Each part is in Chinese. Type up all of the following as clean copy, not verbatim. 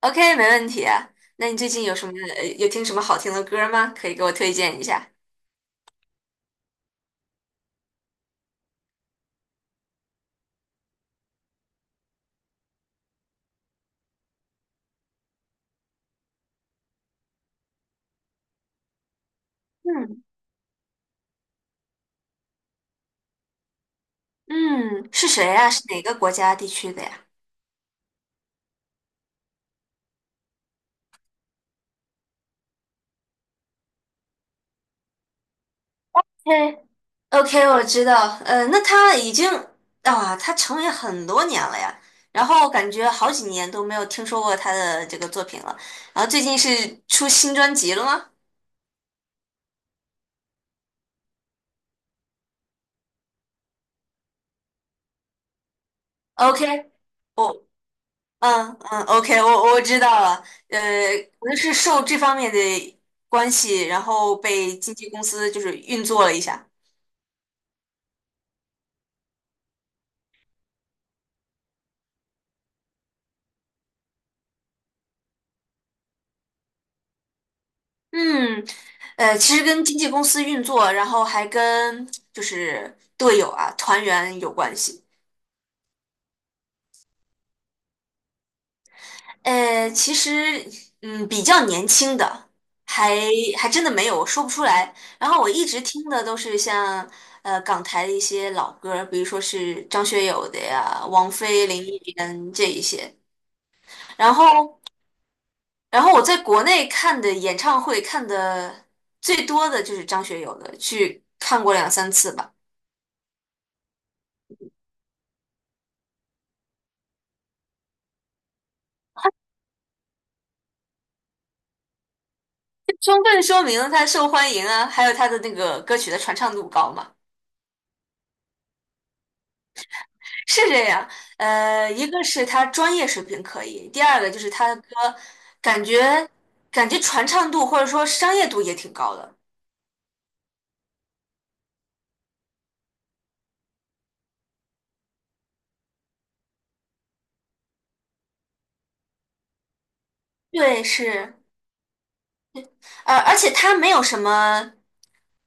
OK，没问题。那你最近有什么有听什么好听的歌吗？可以给我推荐一下。嗯嗯，是谁呀？是哪个国家地区的呀嘿 OK，我知道。呃，那他已经啊，他成名很多年了呀。然后感觉好几年都没有听说过他的这个作品了。然后最近是出新专辑了吗？OK，我。嗯嗯，OK，我知道了，呃，可能是受这方面的关系，然后被经纪公司就是运作了一下。嗯，呃，其实跟经纪公司运作，然后还跟就是队友啊、团员有关系。呃，其实嗯，比较年轻的，还还真的没有，我说不出来。然后我一直听的都是像港台的一些老歌儿，比如说是张学友的呀、王菲、林忆莲这一些。然后，然后我在国内看的演唱会看的最多的就是张学友的，去看过两三次吧，充分说明了他受欢迎啊，还有他的那个歌曲的传唱度高嘛。是这样，呃，一个是他专业水平可以，第二个就是他的歌感觉传唱度或者说商业度也挺高的。对，是。呃，而且他没有什么，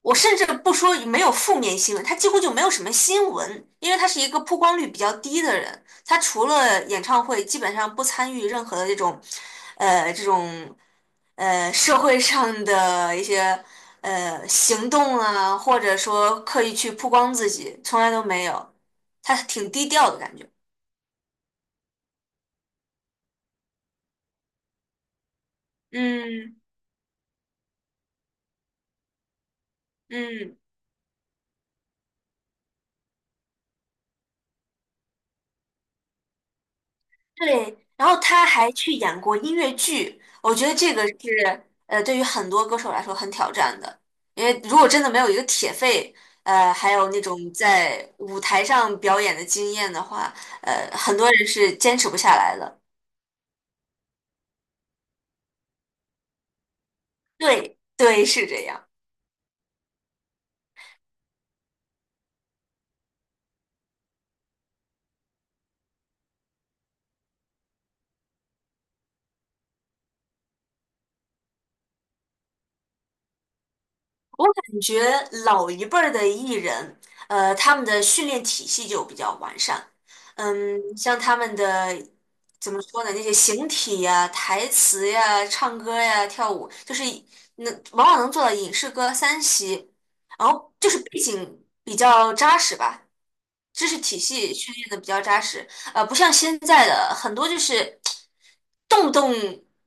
我甚至不说没有负面新闻，他几乎就没有什么新闻，因为他是一个曝光率比较低的人，他除了演唱会，基本上不参与任何的这种，这种社会上的一些行动啊，或者说刻意去曝光自己，从来都没有，他挺低调的感觉。嗯嗯。对，然后他还去演过音乐剧，我觉得这个是呃，对于很多歌手来说很挑战的，因为如果真的没有一个铁肺，呃，还有那种在舞台上表演的经验的话，呃，很多人是坚持不下来的。对，对，是这样。我感觉老一辈儿的艺人，呃，他们的训练体系就比较完善。嗯，像他们的怎么说呢？那些形体呀、台词呀、唱歌呀、跳舞，就是能往往能做到影视歌三栖，然后就是背景比较扎实吧。知识体系训练的比较扎实，呃，不像现在的很多就是动不动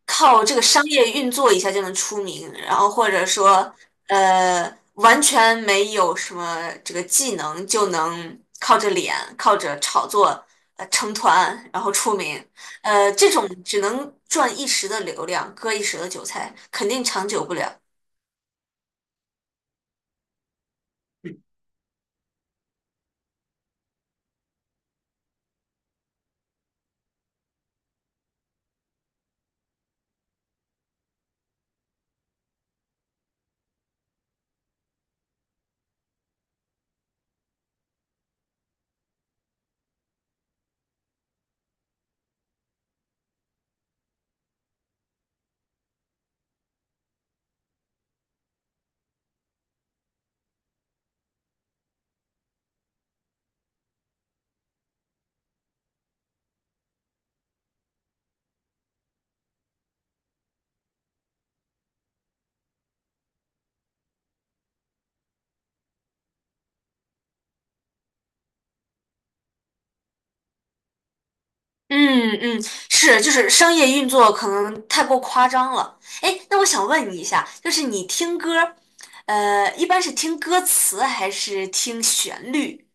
靠这个商业运作一下就能出名，然后或者说完全没有什么这个技能就能靠着脸、靠着炒作成团然后出名，呃，这种只能赚一时的流量，割一时的韭菜，肯定长久不了。嗯嗯，是，就是商业运作可能太过夸张了。哎，那我想问你一下，就是你听歌儿呃，一般是听歌词还是听旋律？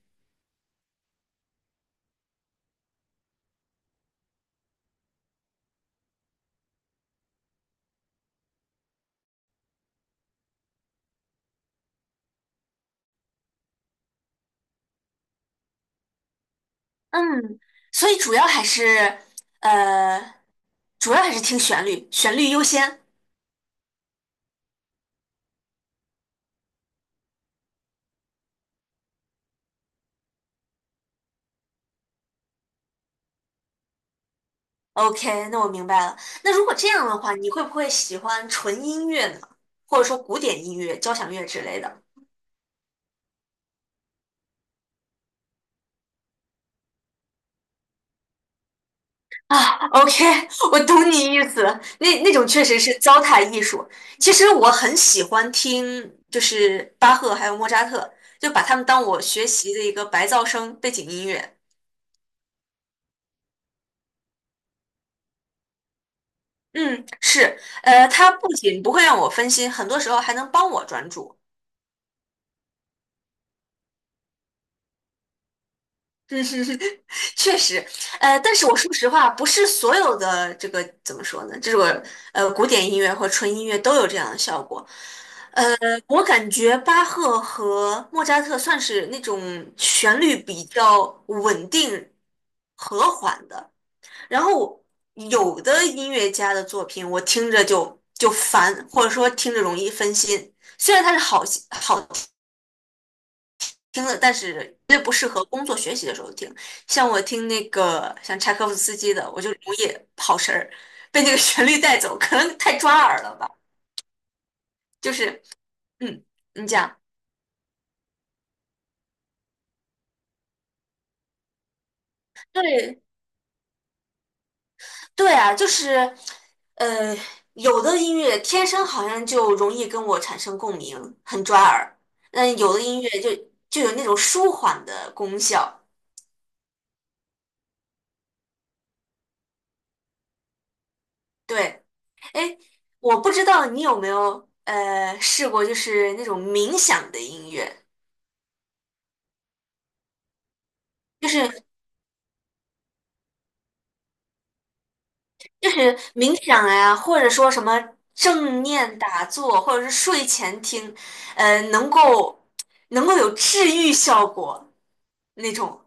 嗯，所以主要还是，呃，主要还是听旋律，旋律优先。OK，那我明白了。那如果这样的话，你会不会喜欢纯音乐呢？或者说古典音乐、交响乐之类的？OK，我懂你意思。那那种确实是糟蹋艺术。其实我很喜欢听，就是巴赫还有莫扎特，就把他们当我学习的一个白噪声背景音乐。嗯，是，呃，它不仅不会让我分心，很多时候还能帮我专注。嗯哼哼确实，呃，但是我说实话，不是所有的这个怎么说呢？这个古典音乐或纯音乐都有这样的效果。我感觉巴赫和莫扎特算是那种旋律比较稳定、和缓的。然后有的音乐家的作品，我听着就烦，或者说听着容易分心。虽然它是好听的，但是绝对不适合工作学习的时候听。像我听那个像柴可夫斯基的，我就容易跑神儿，被那个旋律带走，可能太抓耳了吧。就是，嗯，你讲。对，对啊，就是，呃，有的音乐天生好像就容易跟我产生共鸣，很抓耳。嗯，有的音乐就有那种舒缓的功效。对，哎，我不知道你有没有试过，就是那种冥想的音乐，就是就是冥想呀、或者说什么正念打坐，或者是睡前听，呃，能够有治愈效果那种。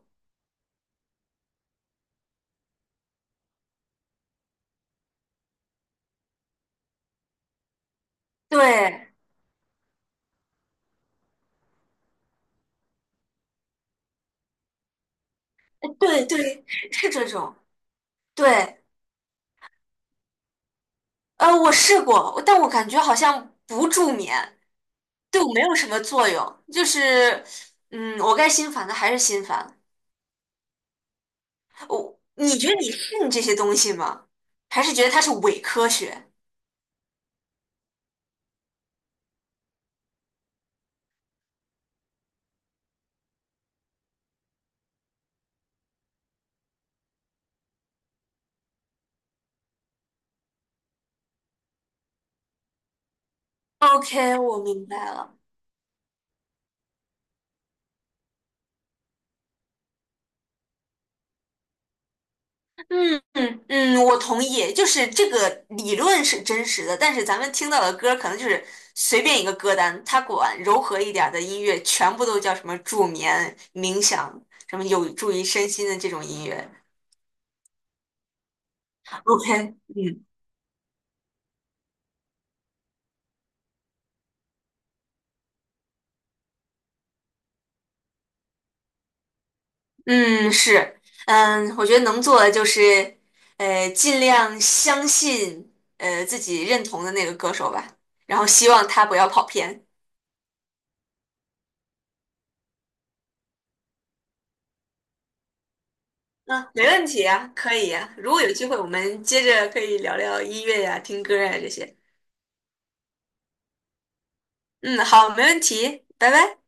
对。对对，是这种。对，呃，我试过，但我感觉好像不助眠，对我没有什么作用。就是，嗯，我该心烦的还是心烦。我，你觉得你信这些东西吗？还是觉得它是伪科学？OK，我明白了。嗯嗯嗯，我同意，就是这个理论是真实的，但是咱们听到的歌可能就是随便一个歌单，它管柔和一点儿的音乐全部都叫什么助眠、冥想，什么有助于身心的这种音乐。OK，嗯嗯，是，嗯，我觉得能做的就是，呃，尽量相信自己认同的那个歌手吧，然后希望他不要跑偏。啊，没问题啊，可以啊。如果有机会，我们接着可以聊聊音乐呀、听歌呀这些。嗯，好，没问题，拜拜。